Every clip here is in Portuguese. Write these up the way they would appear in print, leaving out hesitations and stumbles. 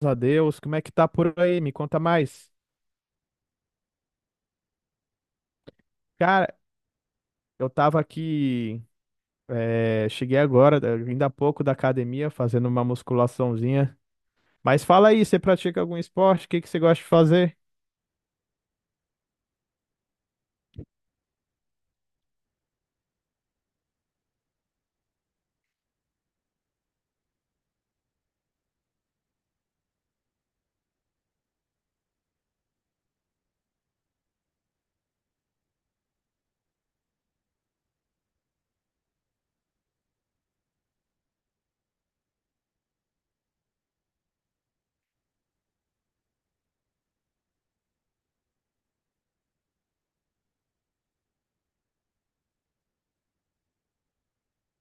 Graças a Deus. Como é que tá por aí? Me conta mais. Cara, eu tava aqui, cheguei agora, ainda há pouco da academia, fazendo uma musculaçãozinha. Mas fala aí, você pratica algum esporte? O que que você gosta de fazer?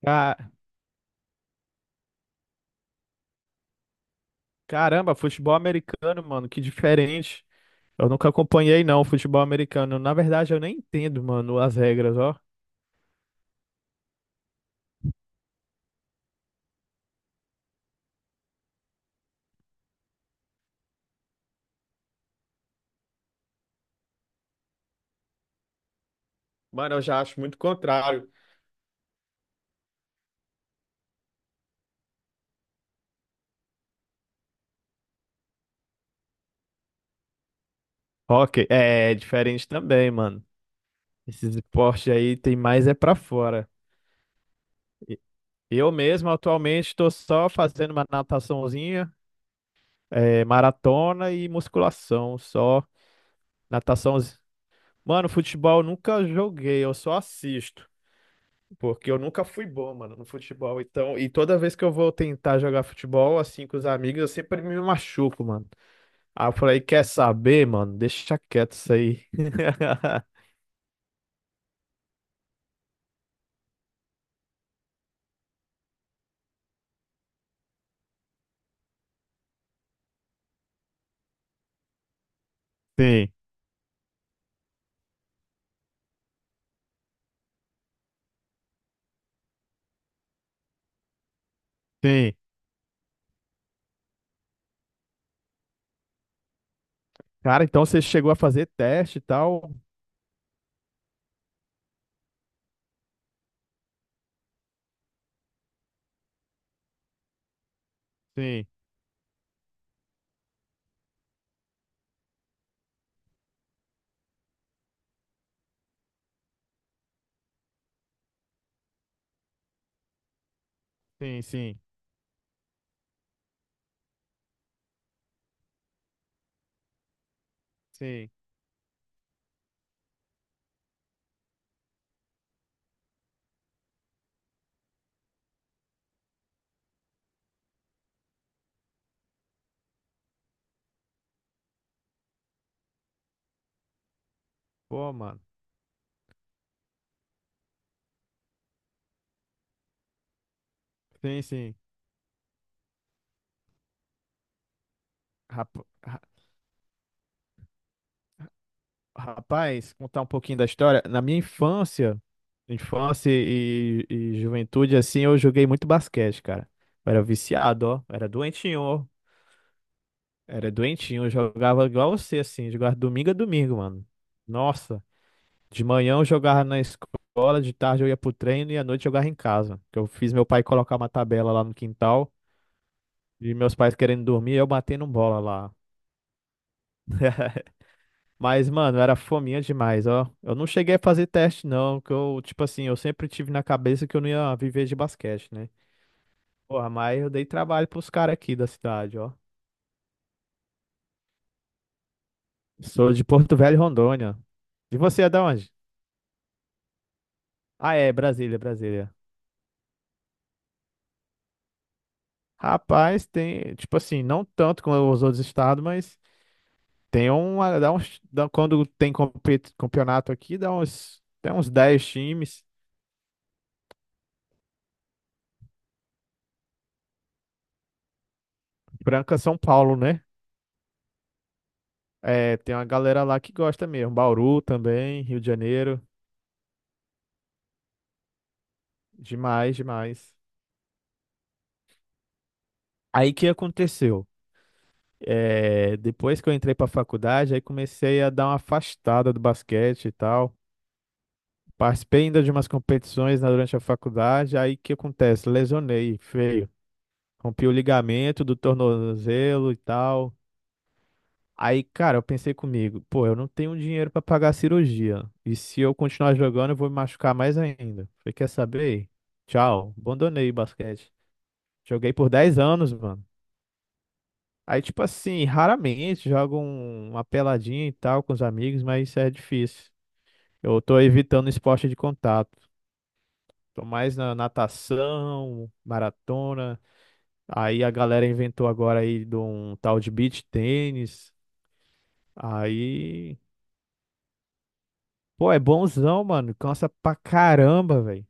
Ca- Caramba, futebol americano, mano, que diferente. Eu nunca acompanhei, não, futebol americano. Na verdade, eu nem entendo, mano, as regras, ó. Mano, eu já acho muito contrário. Ok, é diferente também, mano. Esses esportes aí tem mais é pra fora. Eu mesmo atualmente estou só fazendo uma nataçãozinha, maratona e musculação, só natação. Mano, futebol eu nunca joguei, eu só assisto, porque eu nunca fui bom, mano, no futebol. Então, e toda vez que eu vou tentar jogar futebol assim com os amigos, eu sempre me machuco, mano. Aí eu falei, quer saber, mano? Deixa quieto isso aí. Sim, sim. Cara, então você chegou a fazer teste e tal? Sim, sim, sim, sim. Pô, mano. Sim, sim. Rap- ra- Rapaz, contar um pouquinho da história. Na minha infância, infância e juventude, assim, eu joguei muito basquete, cara. Eu era viciado, ó. Eu Era doentinho, ó. Era doentinho. Eu jogava igual você, assim. Jogava domingo a domingo, mano. Nossa. De manhã eu jogava na escola, de tarde eu ia pro treino e à noite eu jogava em casa. Que eu fiz meu pai colocar uma tabela lá no quintal e meus pais querendo dormir, eu batendo bola lá. Mas, mano, era fominha demais, ó. Eu não cheguei a fazer teste, não, que eu, tipo assim, eu sempre tive na cabeça que eu não ia viver de basquete, né? Porra, mas eu dei trabalho pros caras aqui da cidade, ó. Sou de Porto Velho, Rondônia. E você é da onde? Ah, é, Brasília, Brasília. Rapaz, tem, tipo assim, não tanto como os outros estados, mas tem uma, dá uns, quando tem campeonato aqui, dá uns, tem uns 10 times. Franca, São Paulo, né? É, tem uma galera lá que gosta mesmo. Bauru também, Rio de Janeiro. Demais, demais. Aí que aconteceu? É, depois que eu entrei para a faculdade, aí comecei a dar uma afastada do basquete e tal. Participei ainda de umas competições durante a faculdade. Aí que acontece? Lesionei, feio. Rompi o ligamento do tornozelo e tal. Aí, cara, eu pensei comigo, pô, eu não tenho dinheiro para pagar a cirurgia. E se eu continuar jogando, eu vou me machucar mais ainda. Falei, quer saber? Tchau. Abandonei o basquete. Joguei por 10 anos, mano. Aí, tipo assim, raramente jogo uma peladinha e tal com os amigos, mas isso é difícil. Eu tô evitando esporte de contato. Tô mais na natação, maratona. Aí a galera inventou agora aí de um tal de beach tênis. Aí, pô, é bonzão, mano. Cansa pra caramba, velho.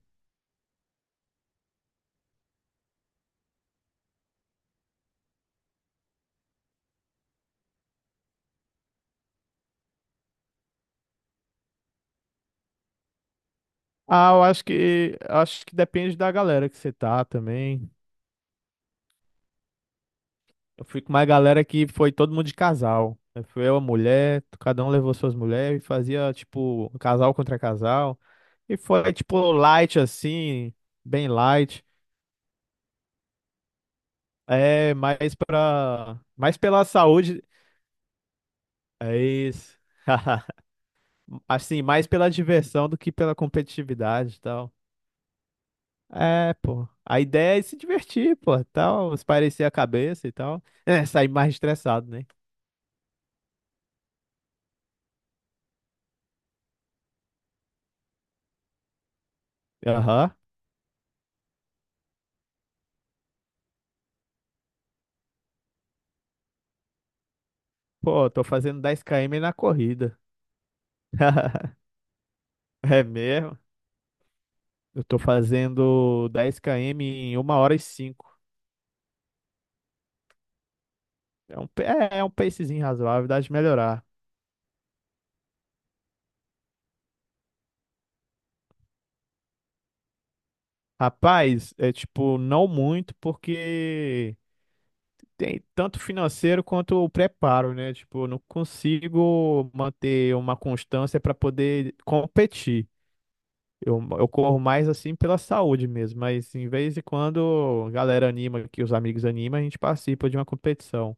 Ah, eu acho que depende da galera que você tá também. Eu fui com uma galera que foi todo mundo de casal. Aí fui eu, a mulher, cada um levou suas mulheres e fazia, tipo, um casal contra casal. E foi, tipo, light assim, bem light. É, mais pra. Mais pela saúde. É isso. Assim, mais pela diversão do que pela competitividade e tal. É, pô. A ideia é se divertir, pô, tal, espairecer a cabeça e tal. É, sair mais estressado, né? Aham. Pô, tô fazendo 10 km na corrida. É mesmo? Eu tô fazendo 10 km em uma hora e 5. É um pacezinho razoável, dá de melhorar. Rapaz, é tipo, não muito, porque tem tanto financeiro quanto o preparo, né? Tipo, eu não consigo manter uma constância para poder competir. Eu, corro mais assim pela saúde mesmo, mas em vez de quando a galera anima, que os amigos animam, a gente participa de uma competição.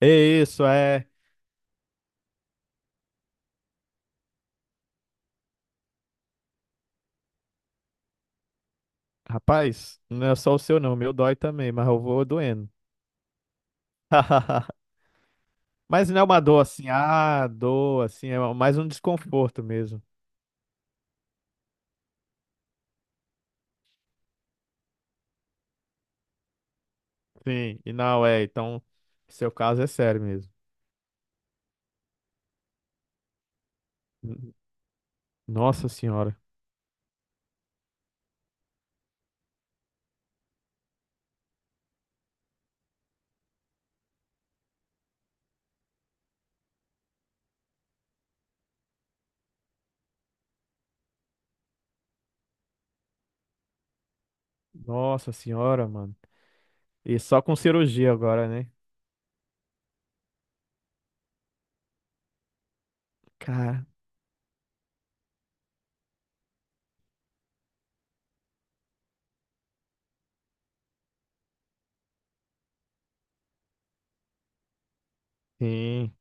É isso, é. Rapaz, não é só o seu não, o meu dói também, mas eu vou doendo. Mas não é uma dor assim, ah, dor, assim, é mais um desconforto mesmo. Sim, e não é, então, seu caso é sério mesmo. N- Nossa senhora, nossa senhora, mano. E só com cirurgia agora, né? Cara, sim,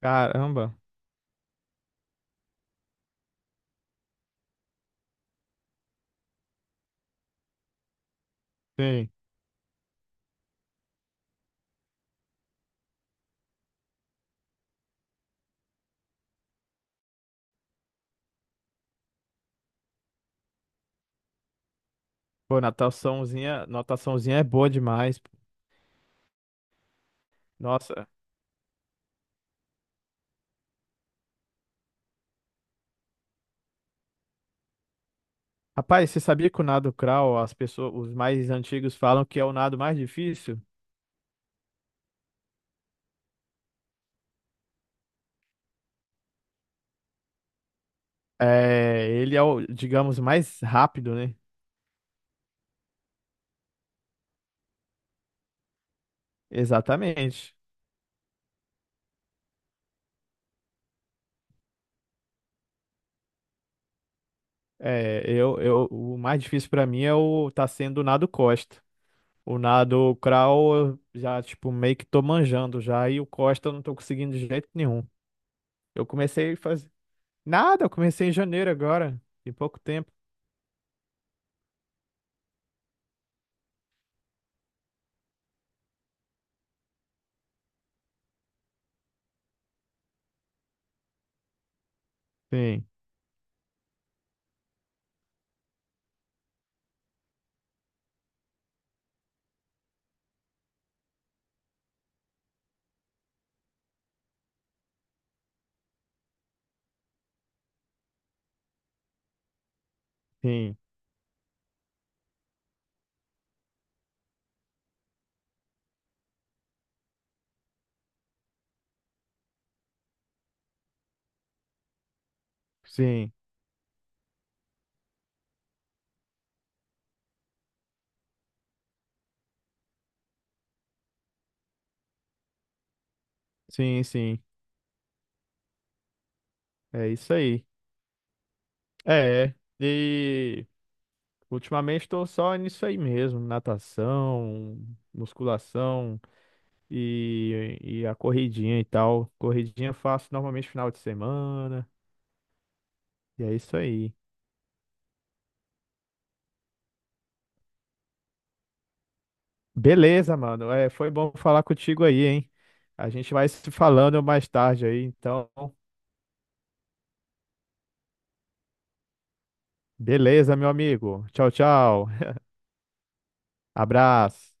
caramba, sim. Pô, nataçãozinha, nataçãozinha é boa demais. Pô. Nossa. Rapaz, você sabia que o nado crawl, as pessoas, os mais antigos falam que é o nado mais difícil? É, ele é o, digamos, mais rápido, né? Exatamente. É, o mais difícil pra mim é o tá sendo o nado Costa. O nado crawl eu já tipo meio que tô manjando já e o Costa eu não tô conseguindo de jeito nenhum. Eu comecei a fazer nada, eu comecei em janeiro agora, em pouco tempo. Sim, sim, sim, sim, sim. É isso aí. É, e ultimamente estou só nisso aí mesmo, natação, musculação E, e a corridinha e tal. Corridinha eu faço normalmente final de semana. E é isso aí. Beleza, mano. É, foi bom falar contigo aí, hein? A gente vai se falando mais tarde aí. Então, beleza, meu amigo. Tchau, tchau. Abraço.